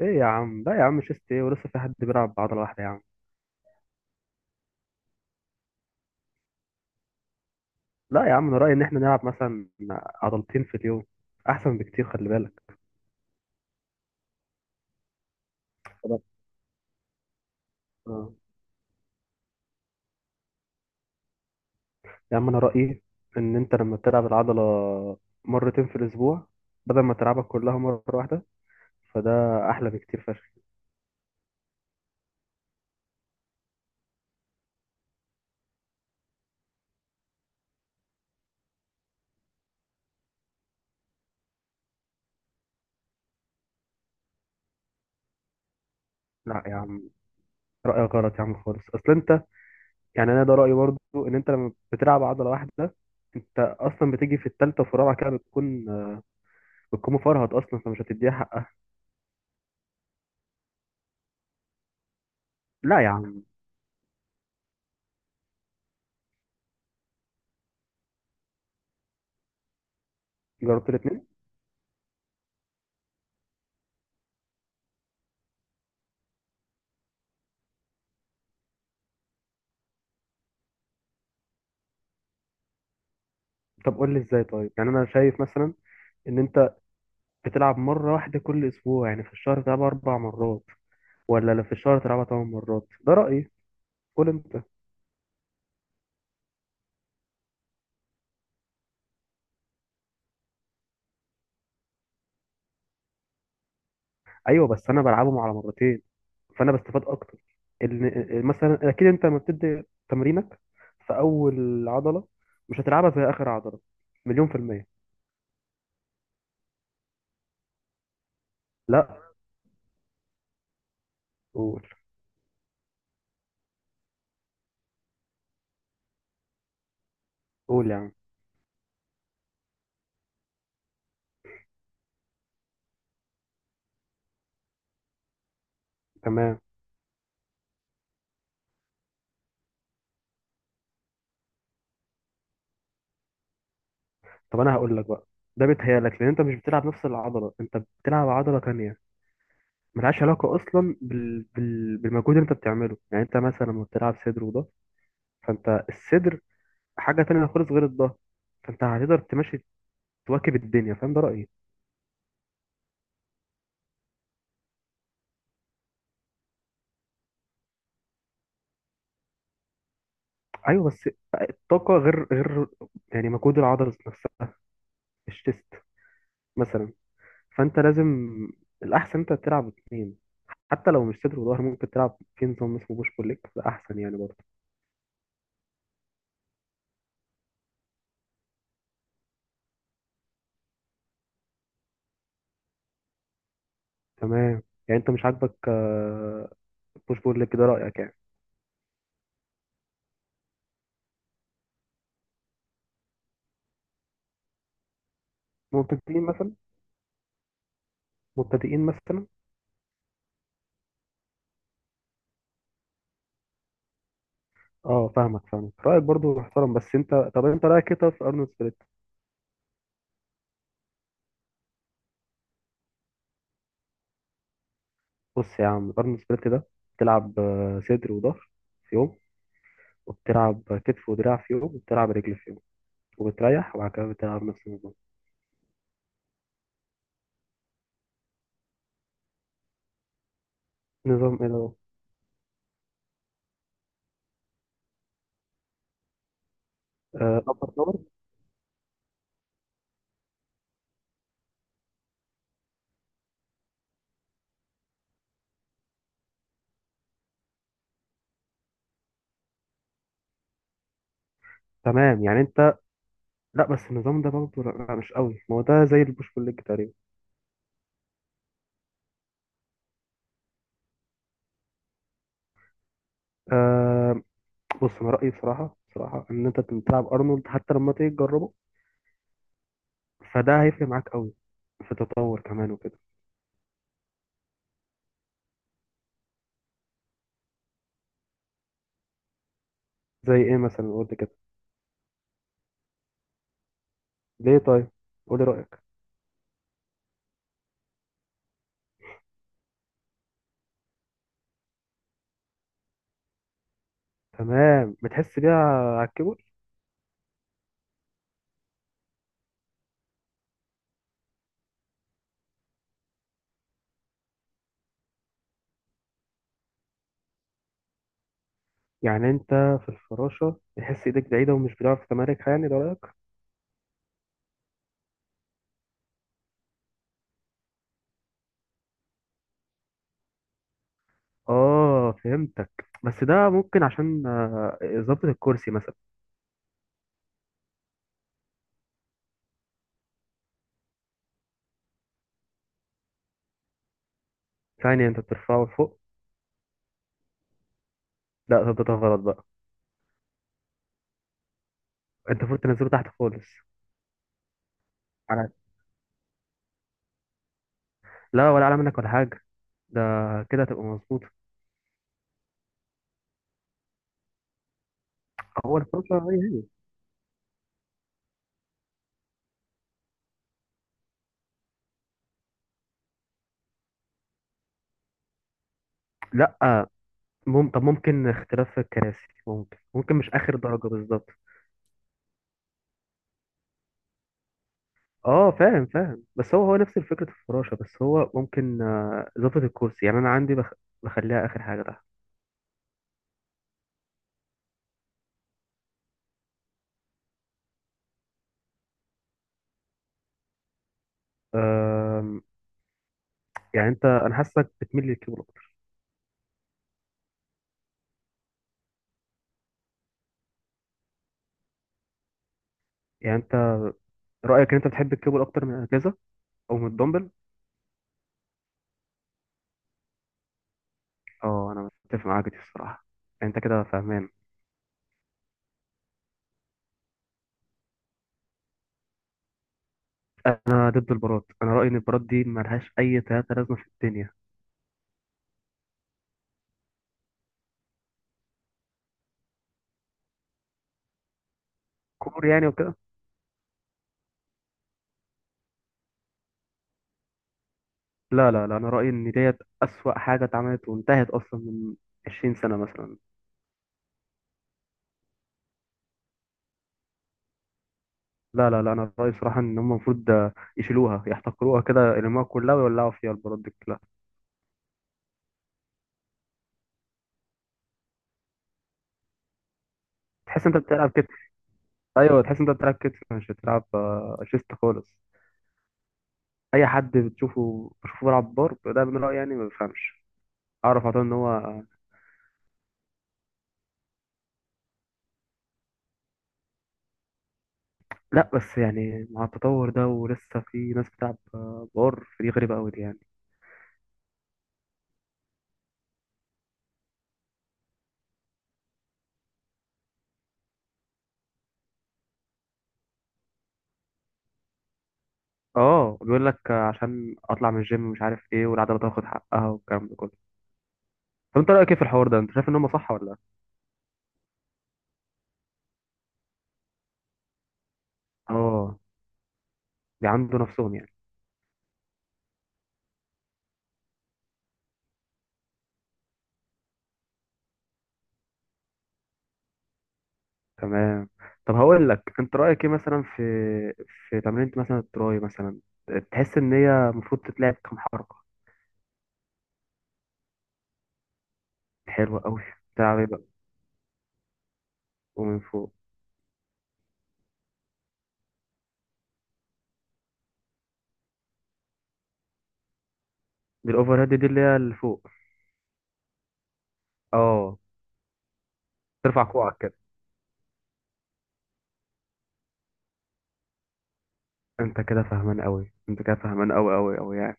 ايه يا عم، لا يا عم، شيست ايه؟ ولسه في حد بيلعب بعضلة واحدة يا عم؟ لا يا عم، انا رأيي ان احنا نلعب مثلا عضلتين في اليوم احسن بكتير، خلي بالك. طب. آه. يا عم انا رأيي ان انت لما بتلعب العضلة مرتين في الاسبوع بدل ما تلعبها كلها مرة واحدة فده احلى بكتير فشخ. لا يا عم، رأيك غلط يا عم خالص، اصل انت يعني انا ده رأيي برضو ان انت لما بتلعب عضلة واحدة انت اصلا بتيجي في التالتة وفي الرابعة كده بتكون مفرهد اصلا فمش هتديها حقها. لا يا عم. جربت الاتنين. طب قول لي ازاي طيب، يعني انا شايف مثلا ان انت بتلعب مره واحده كل اسبوع، يعني في الشهر بتلعبها اربع مرات، ولا لو في الشهر تلعبها ثمان مرات؟ ده رايي، قول انت. ايوه بس انا بلعبهم على مرتين فانا بستفاد اكتر. مثلا اكيد انت لما بتدي تمرينك في اول عضله مش هتلعبها في اخر عضله، مليون في الميه. لا. قول. قول يا عم. تمام. طب انا هقول لك بقى، ده بيتهيألك لان انت مش بتلعب نفس العضله، انت بتلعب عضله تانية ملهاش علاقة أصلا بالمجهود اللي أنت بتعمله. يعني أنت مثلا لما بتلعب صدر وضهر، فأنت الصدر حاجة تانية خالص غير الضهر، فأنت هتقدر تمشي تواكب الدنيا، فاهم؟ ده رأيي. أيوه بس الطاقة غير غير، يعني مجهود العضلة نفسها، الشيست مثلا، فأنت لازم، الأحسن أنت تلعب اتنين، حتى لو مش صدر وضهر ممكن تلعب في نظام اسمه بوش بول ليج، ده أحسن يعني برضه. تمام. يعني أنت مش عاجبك بوش بول ليج؟ ده رأيك يعني. مبتدئين مثلا. مبتدئين مثلا. اه فاهمك فاهمك، رايك برضو محترم، بس انت طب انت رايك كده في ارنولد سبليت؟ بص يا عم، ارنولد سبليت ده بتلعب صدر وظهر في يوم، وبتلعب كتف ودراع في يوم، وبتلعب رجل في يوم، وبتريح وبعد كده بتلعب نفس النظام. نظام ايه ده؟ ابر لور. تمام. يعني انت. لا بس النظام ده برضه لا لا، مش قوي، ما هو ده زي البوش بول ليج تقريبا. أه. بص انا رايي بصراحه بصراحه ان انت بتلعب ارنولد، حتى لما تيجي تجربه فده هيفرق معاك قوي في التطور كمان وكده. زي ايه مثلا؟ قلت كده. ليه طيب؟ قولي رأيك. تمام. بتحس بيها على الكيبورد. يعني انت في الفراشة بتحس ايدك بعيدة ومش بتعرف تماركها؟ يعني ده رأيك. اه فهمتك. بس ده ممكن عشان ظبط الكرسي مثلا. يعني انت بترفعه لفوق؟ لا، ظبطها غلط بقى. انت المفروض تنزله تحت خالص. على. لا، ولا اعلى منك ولا حاجة. ده كده هتبقى مظبوط. هو الفراشة هي هي. لا. طب ممكن اختلاف في الكراسي، ممكن ممكن مش اخر درجة بالظبط. اه فاهم فاهم، بس هو هو نفس فكرة الفراشة، بس هو ممكن إضافة الكرسي. يعني أنا عندي بخليها آخر حاجة تحت. آم، يعني أنت، أنا حاسك بتميل للكيبل أكتر. يعني أنت رأيك إن أنت بتحب الكيبل أكتر من الأجهزة أو من الدمبل؟ اه أنا متفق معاك دي الصراحة. يعني أنت كده فاهمان. أنا ضد البارات، أنا رأيي إن البارات دي ملهاش أي تلاتة لازمة في الدنيا. كور يعني وكده. لا لا لا، أنا رأيي إن ديت أسوأ حاجة اتعملت وانتهت أصلا من 20 سنة مثلا. لا لا لا انا رايي صراحه ان هم المفروض يشيلوها يحتقروها كده، يلموها كلها ويولعوا فيها البلاط دي كلها. تحس انت بتلعب كتف. ايوه تحس انت بتلعب كتف مش بتلعب شيست خالص. اي حد بتشوفه بشوفه بيلعب بار، ده من رايي يعني ما بفهمش. اعرف على طول ان هو. لا بس يعني مع التطور ده ولسه في ناس بتلعب بار؟ فدي غريبه قوي دي يعني. اه بيقول لك عشان اطلع من الجيم مش عارف ايه، والعضله تاخد حقها والكلام ده كله. طب انت رايك ايه في الحوار ده؟ انت شايف ان هم صح ولا لا؟ اه. بيعندوا نفسهم يعني. تمام. طب هقول لك، انت رايك ايه مثلا في في تمرينة مثلا التراي مثلا، تحس ان هي المفروض تتلعب كام حركه؟ حلوه قوي. بتاع ايه بقى؟ ومن فوق. دي الاوفر هيد، دي اللي هي اللي فوق. اه. ترفع كوعك كده. انت كده فاهمان قوي، انت كده فاهمان قوي قوي قوي يعني.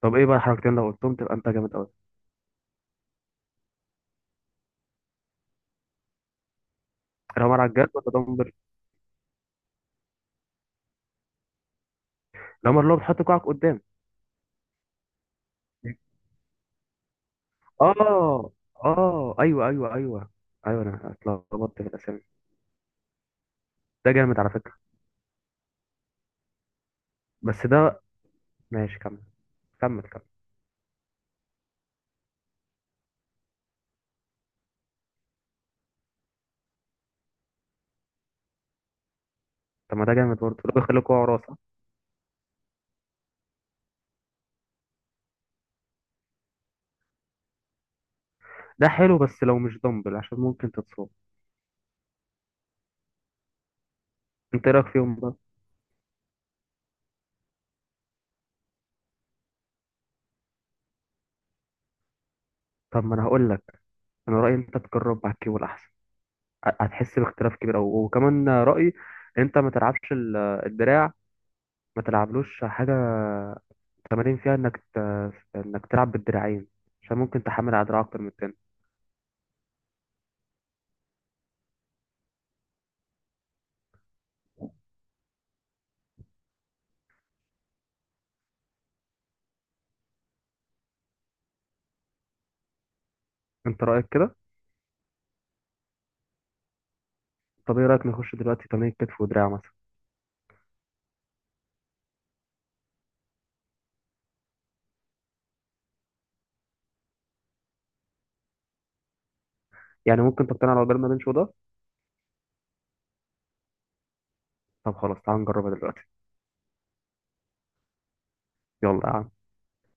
طب ايه بقى الحركتين؟ لو قلتهم تبقى انت جامد قوي. الهامر على الجد ولا دمبل؟ الهامر اللي هو بتحط كوعك قدام. اه. اه ايوه ايوه ايوه. ايوه انا اتلخبطت في الاسامي. ده جامد على فكره. بس ده. ماشي كمل. كمل كمل. طب ما ده جامد برضه لو بيخليك واقع راسه. ده حلو بس لو مش دمبل عشان ممكن تتصاب. انت ايه رايك فيهم بقى؟ طب ما انا هقول لك، انا رايي انت تجرب مع الكيبل احسن، هتحس باختلاف كبير قوي. وكمان رايي انت ما تلعبش الدراع، ما تلعبلوش حاجه تمارين فيها انك انك تلعب بالدراعين، عشان ممكن تحمل على دراع اكتر من التاني. انت رايك كده؟ طب ايه رايك نخش دلوقتي تمارين كتف ودراع مثلا؟ يعني ممكن تقتنع لو جربنا بنش وده. طب خلاص تعال نجربها دلوقتي. يلا يا عم.